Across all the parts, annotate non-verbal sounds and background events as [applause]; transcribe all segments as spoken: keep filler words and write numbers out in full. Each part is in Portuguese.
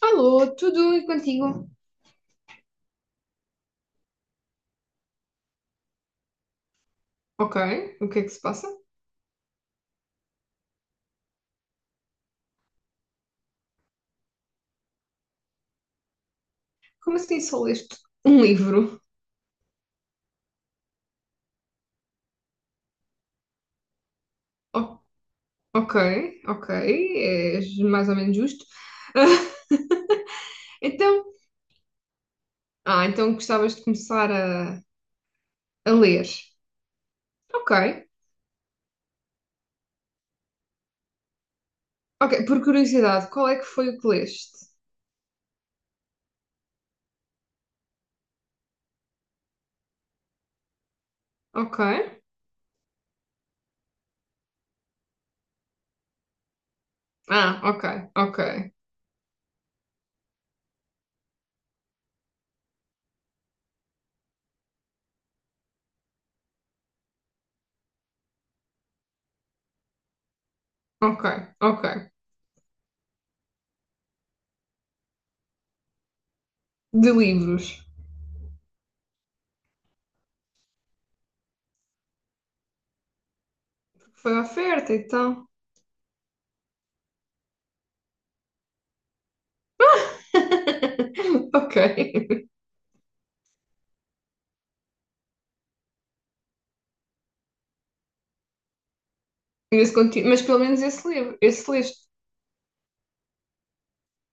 Alô, tudo e contigo? Ok, o que é que se passa? Como assim só leste um livro? O- ok, ok, é mais ou menos justo. [laughs] Então, ah, então gostavas de começar a, a ler. Ok, ok, por curiosidade, qual é que foi o que leste? Ok, ah, ok, ok, ok, ok, de livros. Foi a oferta, então. [laughs] Ok, mas conti- mas pelo menos esse livro, esse leste.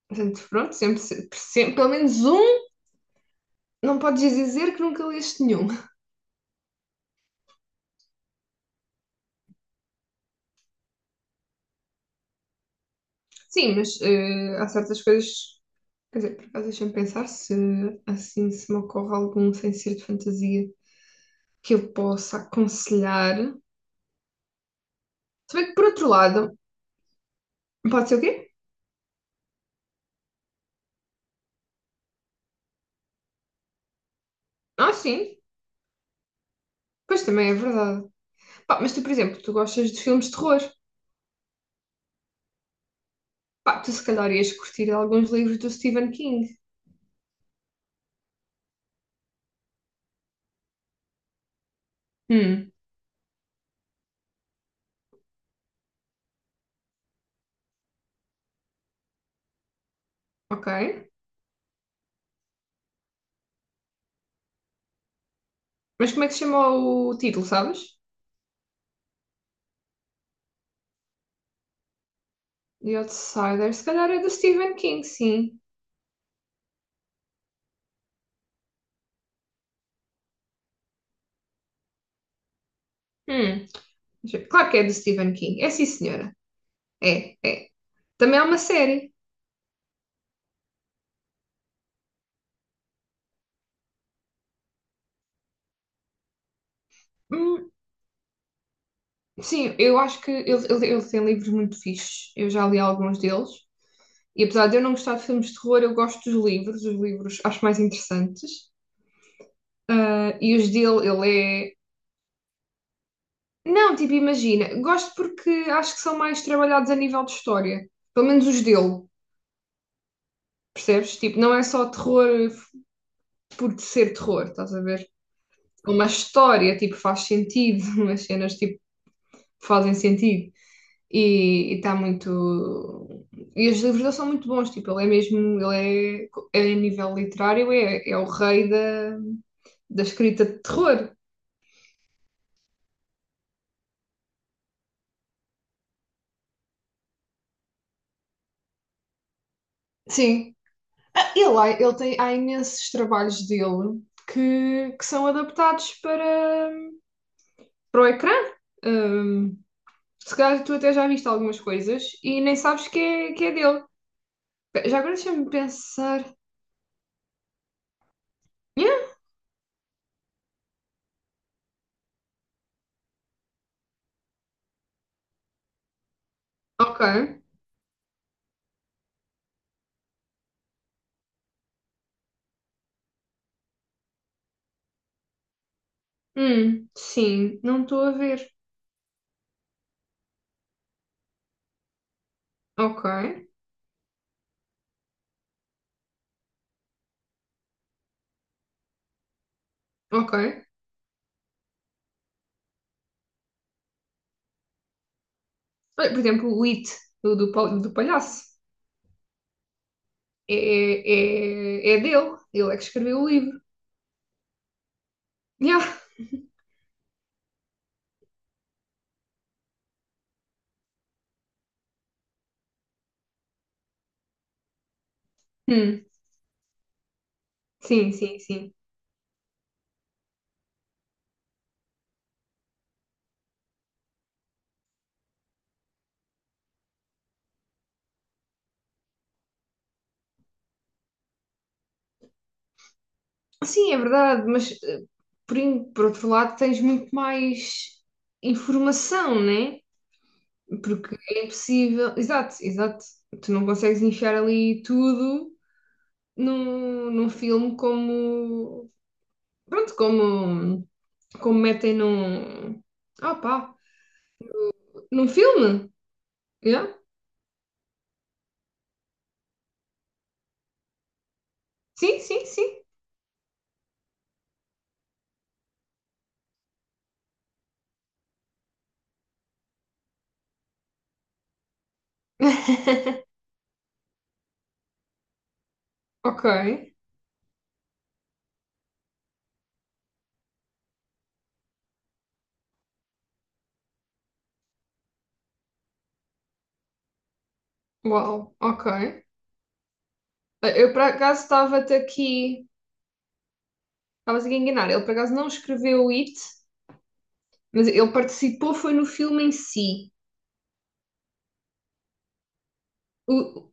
Portanto, pronto, sempre, sempre- pelo menos um, não podes dizer que nunca leste nenhum. Sim, mas eh, há certas coisas. Quer dizer, por acaso, deixa-me pensar se assim se me ocorre algum sem ser de fantasia que eu possa aconselhar. Se bem que, por outro lado, pode ser o quê? Ah, sim, pois também é verdade. Pá, mas tu, por exemplo, tu gostas de filmes de terror. Pá, tu se calhar ias curtir alguns livros do Stephen King. Hum, ok. Mas como é que se chama o título, sabes? The Outsider, se calhar é do Stephen King, sim. Hum, deixa eu ver. Claro que é do Stephen King. É sim, senhora. É, é. Também é uma série. Hum, sim, eu acho que ele, ele, ele tem livros muito fixes. Eu já li alguns deles. E apesar de eu não gostar de filmes de terror, eu gosto dos livros. Os livros acho mais interessantes. Ah, e os dele, ele é. Não, tipo, imagina. Gosto porque acho que são mais trabalhados a nível de história. Pelo menos os dele. Percebes? Tipo, não é só terror por ser terror, estás a ver? Uma história, tipo, faz sentido. [laughs] Umas cenas, tipo fazem sentido. E está muito. E os livros dele são muito bons, tipo, ele é mesmo, ele é, é a nível literário, é, é o rei da, da escrita de terror. Sim. Ele, ele tem, há imensos trabalhos dele que, que são adaptados para, para o ecrã. Hum, se calhar tu até já viste algumas coisas e nem sabes que é, que é dele. Já agora deixa-me pensar. Yeah, ok. Hum, sim, não estou a ver. Ok. Ok. Olha, por exemplo, o It, do, do, pal- do palhaço, é, é, é é dele. Ele é que escreveu o livro. Yeah. Hum. Sim, sim, sim. Sim, é verdade, mas eh, por, in- por outro lado tens muito mais informação, né? Porque é impossível. Exato, exato. Tu não consegues enfiar ali tudo num, num filme como. Pronto, como, como metem num. Ah, pá! Num filme? Yeah. Sim, sim, sim. [laughs] Ok, uau, ok. Eu por acaso estava-te aqui, estavas aqui a enganar. Ele por acaso não escreveu o It, mas ele participou, foi no filme em si. O-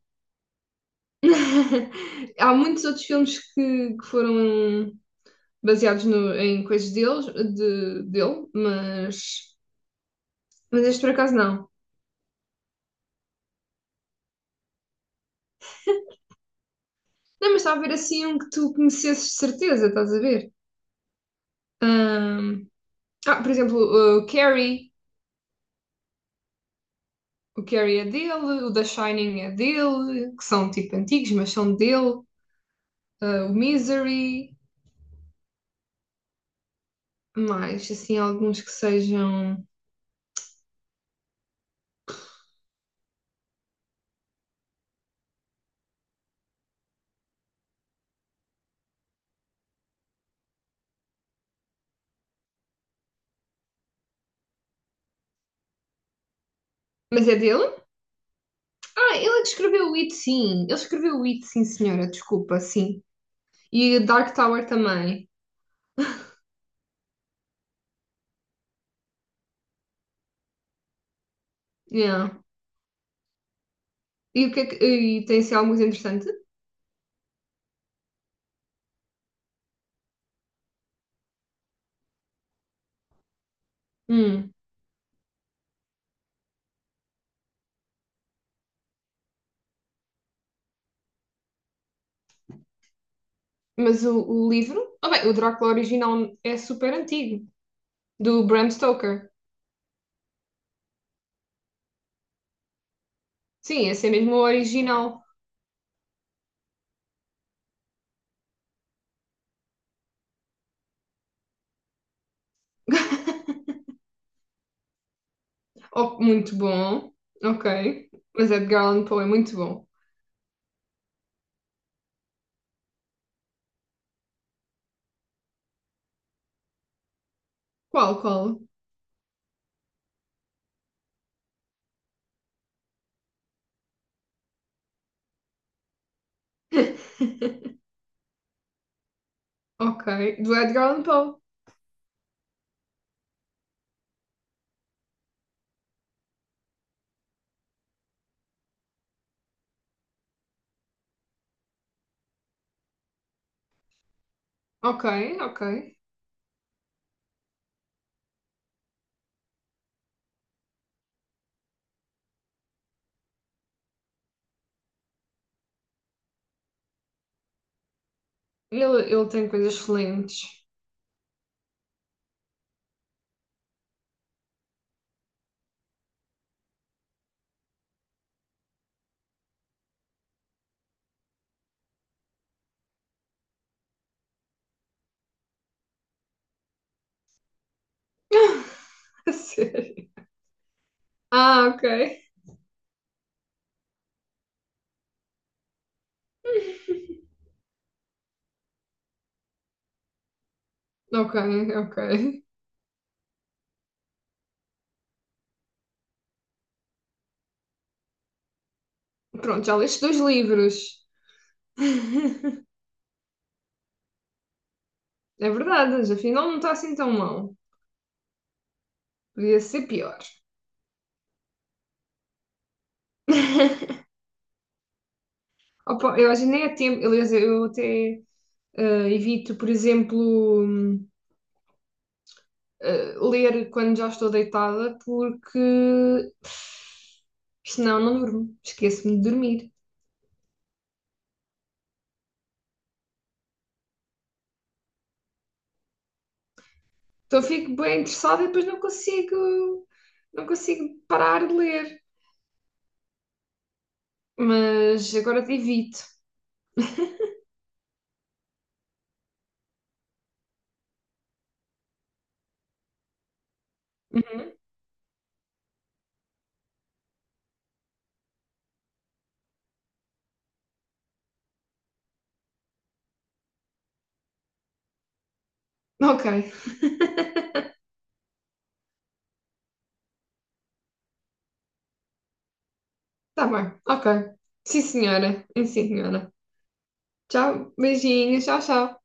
[laughs] Há muitos outros filmes que, que foram baseados no- em coisas deles, de, dele, mas, mas este por acaso não. Não, mas estava a ver assim um que tu conhecesses de certeza, estás a ver? Ahm, ah, por exemplo, o Carrie. O Carrie é dele, o The Shining é dele, que são tipo antigos, mas são dele. Ah, o Misery, mais assim, alguns que sejam. Mas é dele? Ah, ele é que escreveu o It, sim. Ele escreveu o It, sim, senhora, desculpa, sim. E Dark Tower também. Yeah. E, o que é que- e tem assim algo muito interessante. Hum. Mas o, o livro? Ah, bem, o Drácula original é super antigo, do Bram Stoker. Sim, esse é mesmo o original. Oh, muito bom. Ok. Mas Edgar Allan Poe é muito bom. Qual, qual? [laughs] Ok. Do Edgar Allan Poe. Ok, ok. Ele, ele tem coisas excelentes. [laughs] A sério. Ah, ok. Ok, ok. Pronto, já leste dois livros. [laughs] É verdade, mas afinal não está assim tão mal. Podia ser pior. [laughs] Opa, eu acho que nem é tempo. Aliás, eu até eh, evito, por exemplo. Hum, uh, ler quando já estou deitada, porque senão não durmo, esqueço-me de dormir. Então fico bem interessada e depois não consigo, não consigo parar de ler. Mas agora te evito. Uhum. Ok, está bem, ok. Sim, senhora. Sim, senhora. Tchau, beijinhos, tchau, tchau.